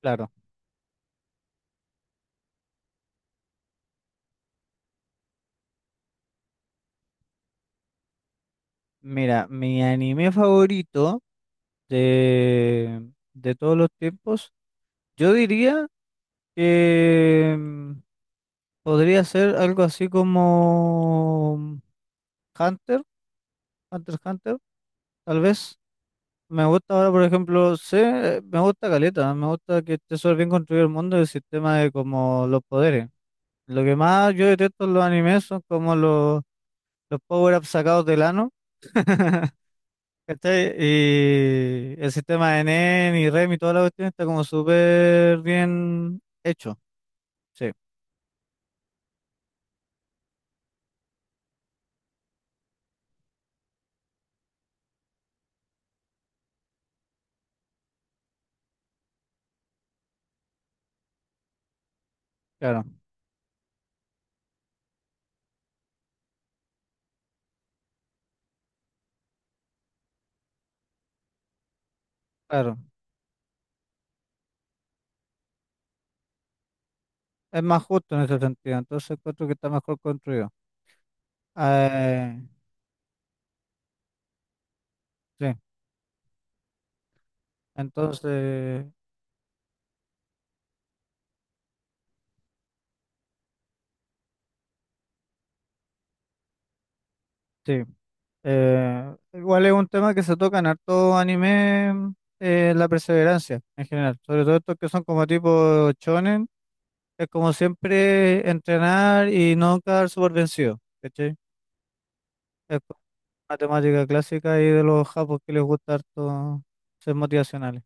Claro, mira, mi anime favorito de todos los tiempos, yo diría que podría ser algo así como Hunter, Hunter x Hunter, tal vez. Me gusta ahora, por ejemplo, sé, me gusta Caleta, me gusta que esté súper bien construido el mundo y el sistema de como los poderes. Lo que más yo detesto en los animes son como los power-ups sacados del ano. ¿Cachai? Y el sistema de NEN y REM y toda la cuestión está como súper bien hecho. Sí, claro, claro. Es más justo en ese sentido. Entonces encuentro que está mejor construido. Eh, sí, entonces, sí. Igual es un tema que se toca en harto anime, la perseverancia en general. Sobre todo estos que son como tipo shonen. Es como siempre entrenar y no quedar súper vencido. ¿Cachai? Es matemática clásica y de los japos que les gusta harto ser motivacionales.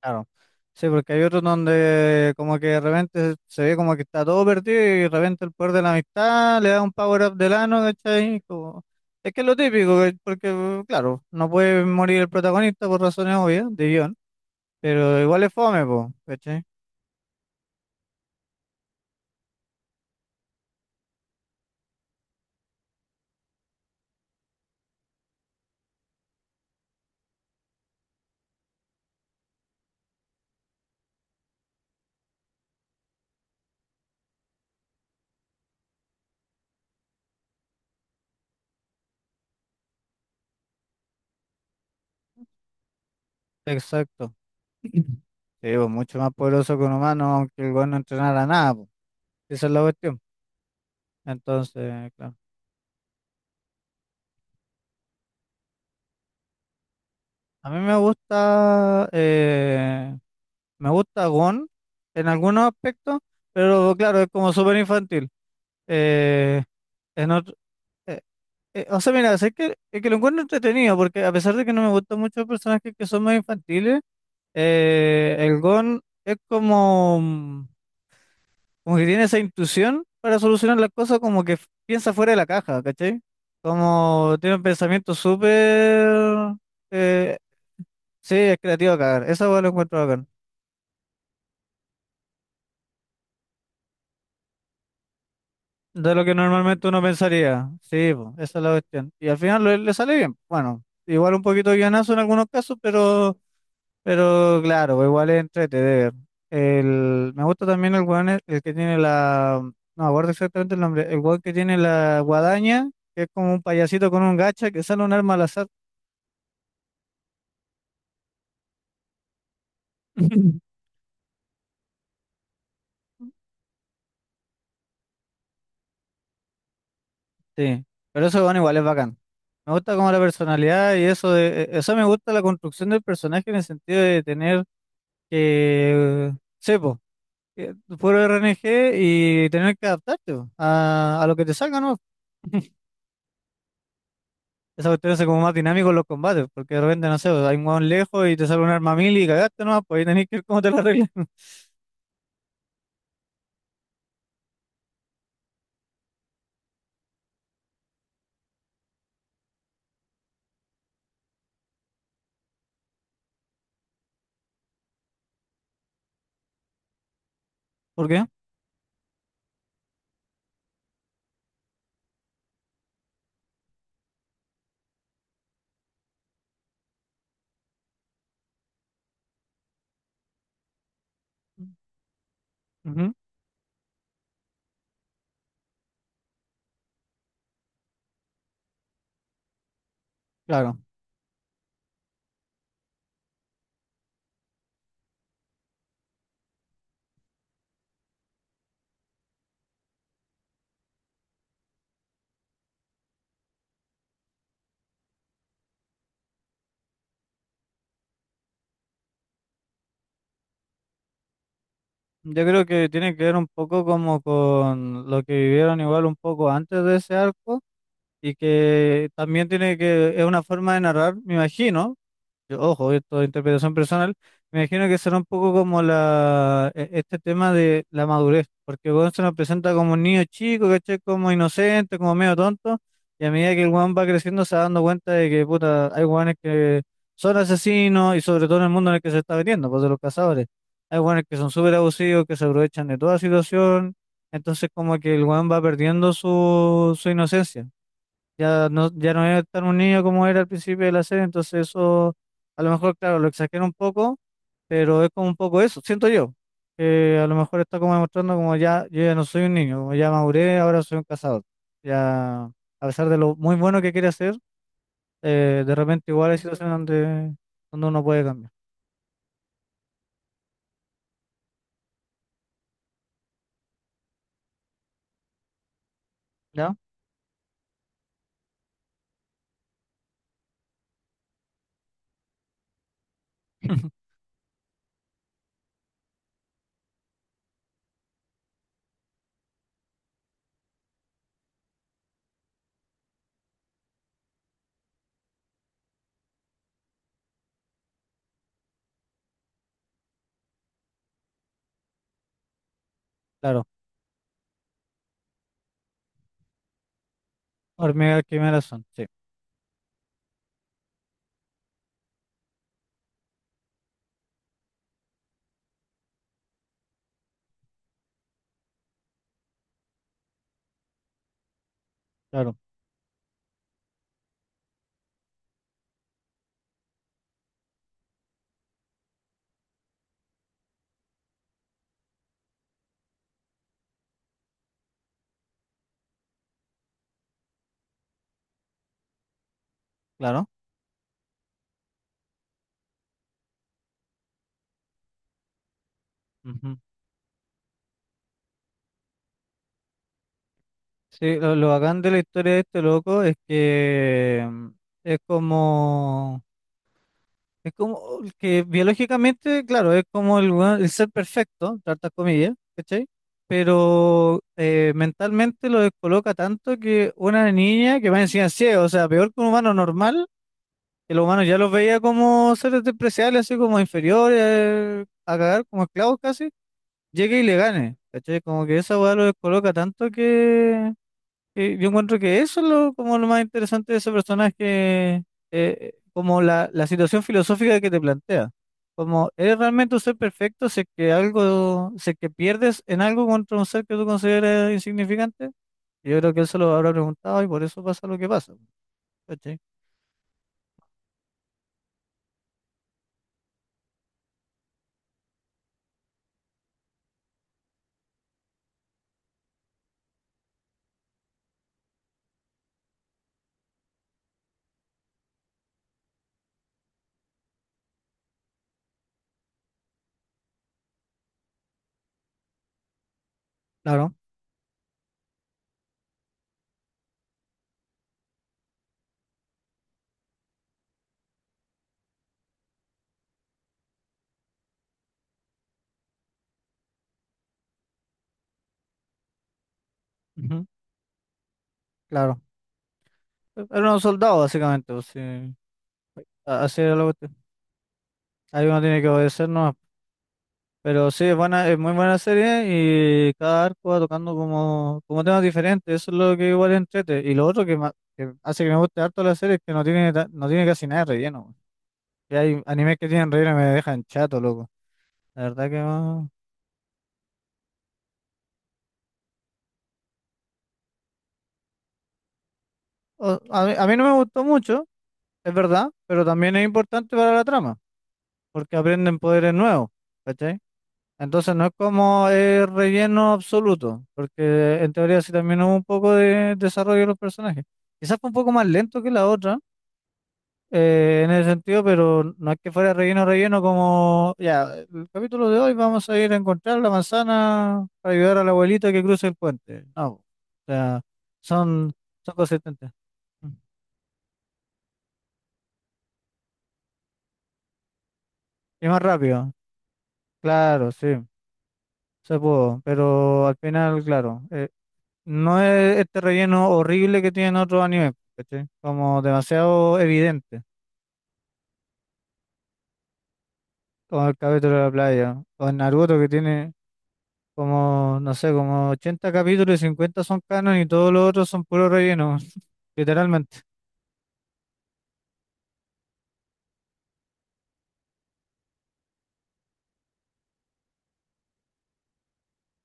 Claro. Sí, porque hay otros donde como que de repente se ve como que está todo perdido y de repente el poder de la amistad le da un power up del ano, ¿cachai? Es que es lo típico, porque claro, no puede morir el protagonista por razones obvias de guión, pero igual es fome, po, ¿cachai? Exacto. Sí, pues, mucho más poderoso que un humano, aunque el weón no entrenara nada, pues. Esa es la cuestión. Entonces, claro. A mí me gusta Gon en algunos aspectos, pero claro, es como súper infantil. Eh, en otro- eh, o sea, mira, sé que, es que lo encuentro entretenido, porque a pesar de que no me gustan mucho los personajes que son más infantiles, el Gon es como, como que tiene esa intuición para solucionar las cosas, como que piensa fuera de la caja, ¿cachai? Como tiene un pensamiento súper, eh, sí, es creativo a cagar, esa hueá lo encuentro acá. De lo que normalmente uno pensaría. Sí, po, esa es la cuestión. Y al final le, le sale bien. Bueno, igual un poquito de guionazo en algunos casos, pero, claro, pues igual es entrete de ver. El, me gusta también el weón, el que tiene la, no me acuerdo exactamente el nombre, el weón que tiene la guadaña, que es como un payasito con un gacha que sale un arma al azar. Sí, pero eso bueno, igual es bacán. Me gusta como la personalidad y eso de, eso me gusta la construcción del personaje en el sentido de tener que, sepo eh, puro RNG y tener que adaptarte po, a lo que te salga, ¿no? Esa cuestión hace como más dinámico los combates, porque de repente, no sé, hay un hueón lejos y te sale un arma mil y cagaste, ¿no? Pues ahí tenés que ver cómo te la arreglas. ¿Por qué? Ujú, claro. Yo creo que tiene que ver un poco como con lo que vivieron igual un poco antes de ese arco y que también tiene que, es una forma de narrar, me imagino. Yo, ojo, esto es interpretación personal. Me imagino que será un poco como la, este tema de la madurez, porque Gon se nos presenta como un niño chico, ¿cachai? Como inocente, como medio tonto, y a medida que el Juan va creciendo se va dando cuenta de que, puta, hay guanes que son asesinos y sobre todo en el mundo en el que se está metiendo, pues de los cazadores. Hay guanes que son súper abusivos, que se aprovechan de toda situación, entonces como que el Juan va perdiendo su, inocencia. Ya no, ya no es tan unido como era al principio de la serie, entonces eso, a lo mejor, claro, lo exagera un poco, pero es como un poco eso, siento yo, que a lo mejor está como demostrando como ya, yo ya no soy un niño, como ya maduré, ahora soy un cazador. Ya, a pesar de lo muy bueno que quiere hacer, de repente igual hay situaciones donde, donde uno puede cambiar, ¿ya? Claro, hormigas quimeras son, sí, claro, claro. Ujú. Sí, lo bacán de la historia de este loco es que es como... Es como que biológicamente, claro, es como el ser perfecto, entre hartas comillas, ¿cachai? Pero mentalmente lo descoloca tanto que una niña que va encima ciego, o sea, peor que un humano normal, que los humanos ya los veía como seres despreciables, así como inferiores, a cagar, como esclavos casi, llegue y le gane, ¿cachai? Como que esa weá lo descoloca tanto que yo encuentro que eso es lo, como lo más interesante de ese personaje, como la situación filosófica que te plantea. Como, ¿eres realmente un ser perfecto si es que pierdes en algo contra un ser que tú consideras insignificante? Yo creo que él se lo habrá preguntado y por eso pasa lo que pasa. ¿Cachai? Claro. Ujú, claro. Era un soldado, básicamente. O sea, así era la cuestión. Ahí uno tiene que obedecernos. Pero sí, es buena, es muy buena serie y cada arco va tocando como, como temas diferentes, eso es lo que igual entrete. Y lo otro que, que hace que me guste harto la serie es que no tiene, no tiene casi nada de relleno, güey. Que hay animes que tienen relleno y me dejan chato, loco. La verdad que no- o- A mí no me gustó mucho, es verdad, pero también es importante para la trama, porque aprenden poderes nuevos, ¿cachai? Entonces no es como relleno absoluto, porque en teoría sí también hubo un poco de desarrollo de los personajes. Quizás fue un poco más lento que la otra en ese sentido, pero no es que fuera relleno, relleno como, ya, el capítulo de hoy vamos a ir a encontrar la manzana para ayudar a la abuelita que cruce el puente. No, o sea, son, son consistentes. Mm. Y más rápido, claro, sí, se pudo, pero al final, claro, no es este relleno horrible que tienen otros animes, ¿cachai? Como demasiado evidente, como el capítulo de la playa, o el Naruto que tiene... Como, no sé, como 80 capítulos y 50 son canon y todos los otros son puro relleno, literalmente.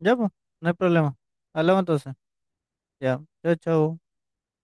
Ya, pues, no hay problema. Hablamos entonces. Ya, chao, chao.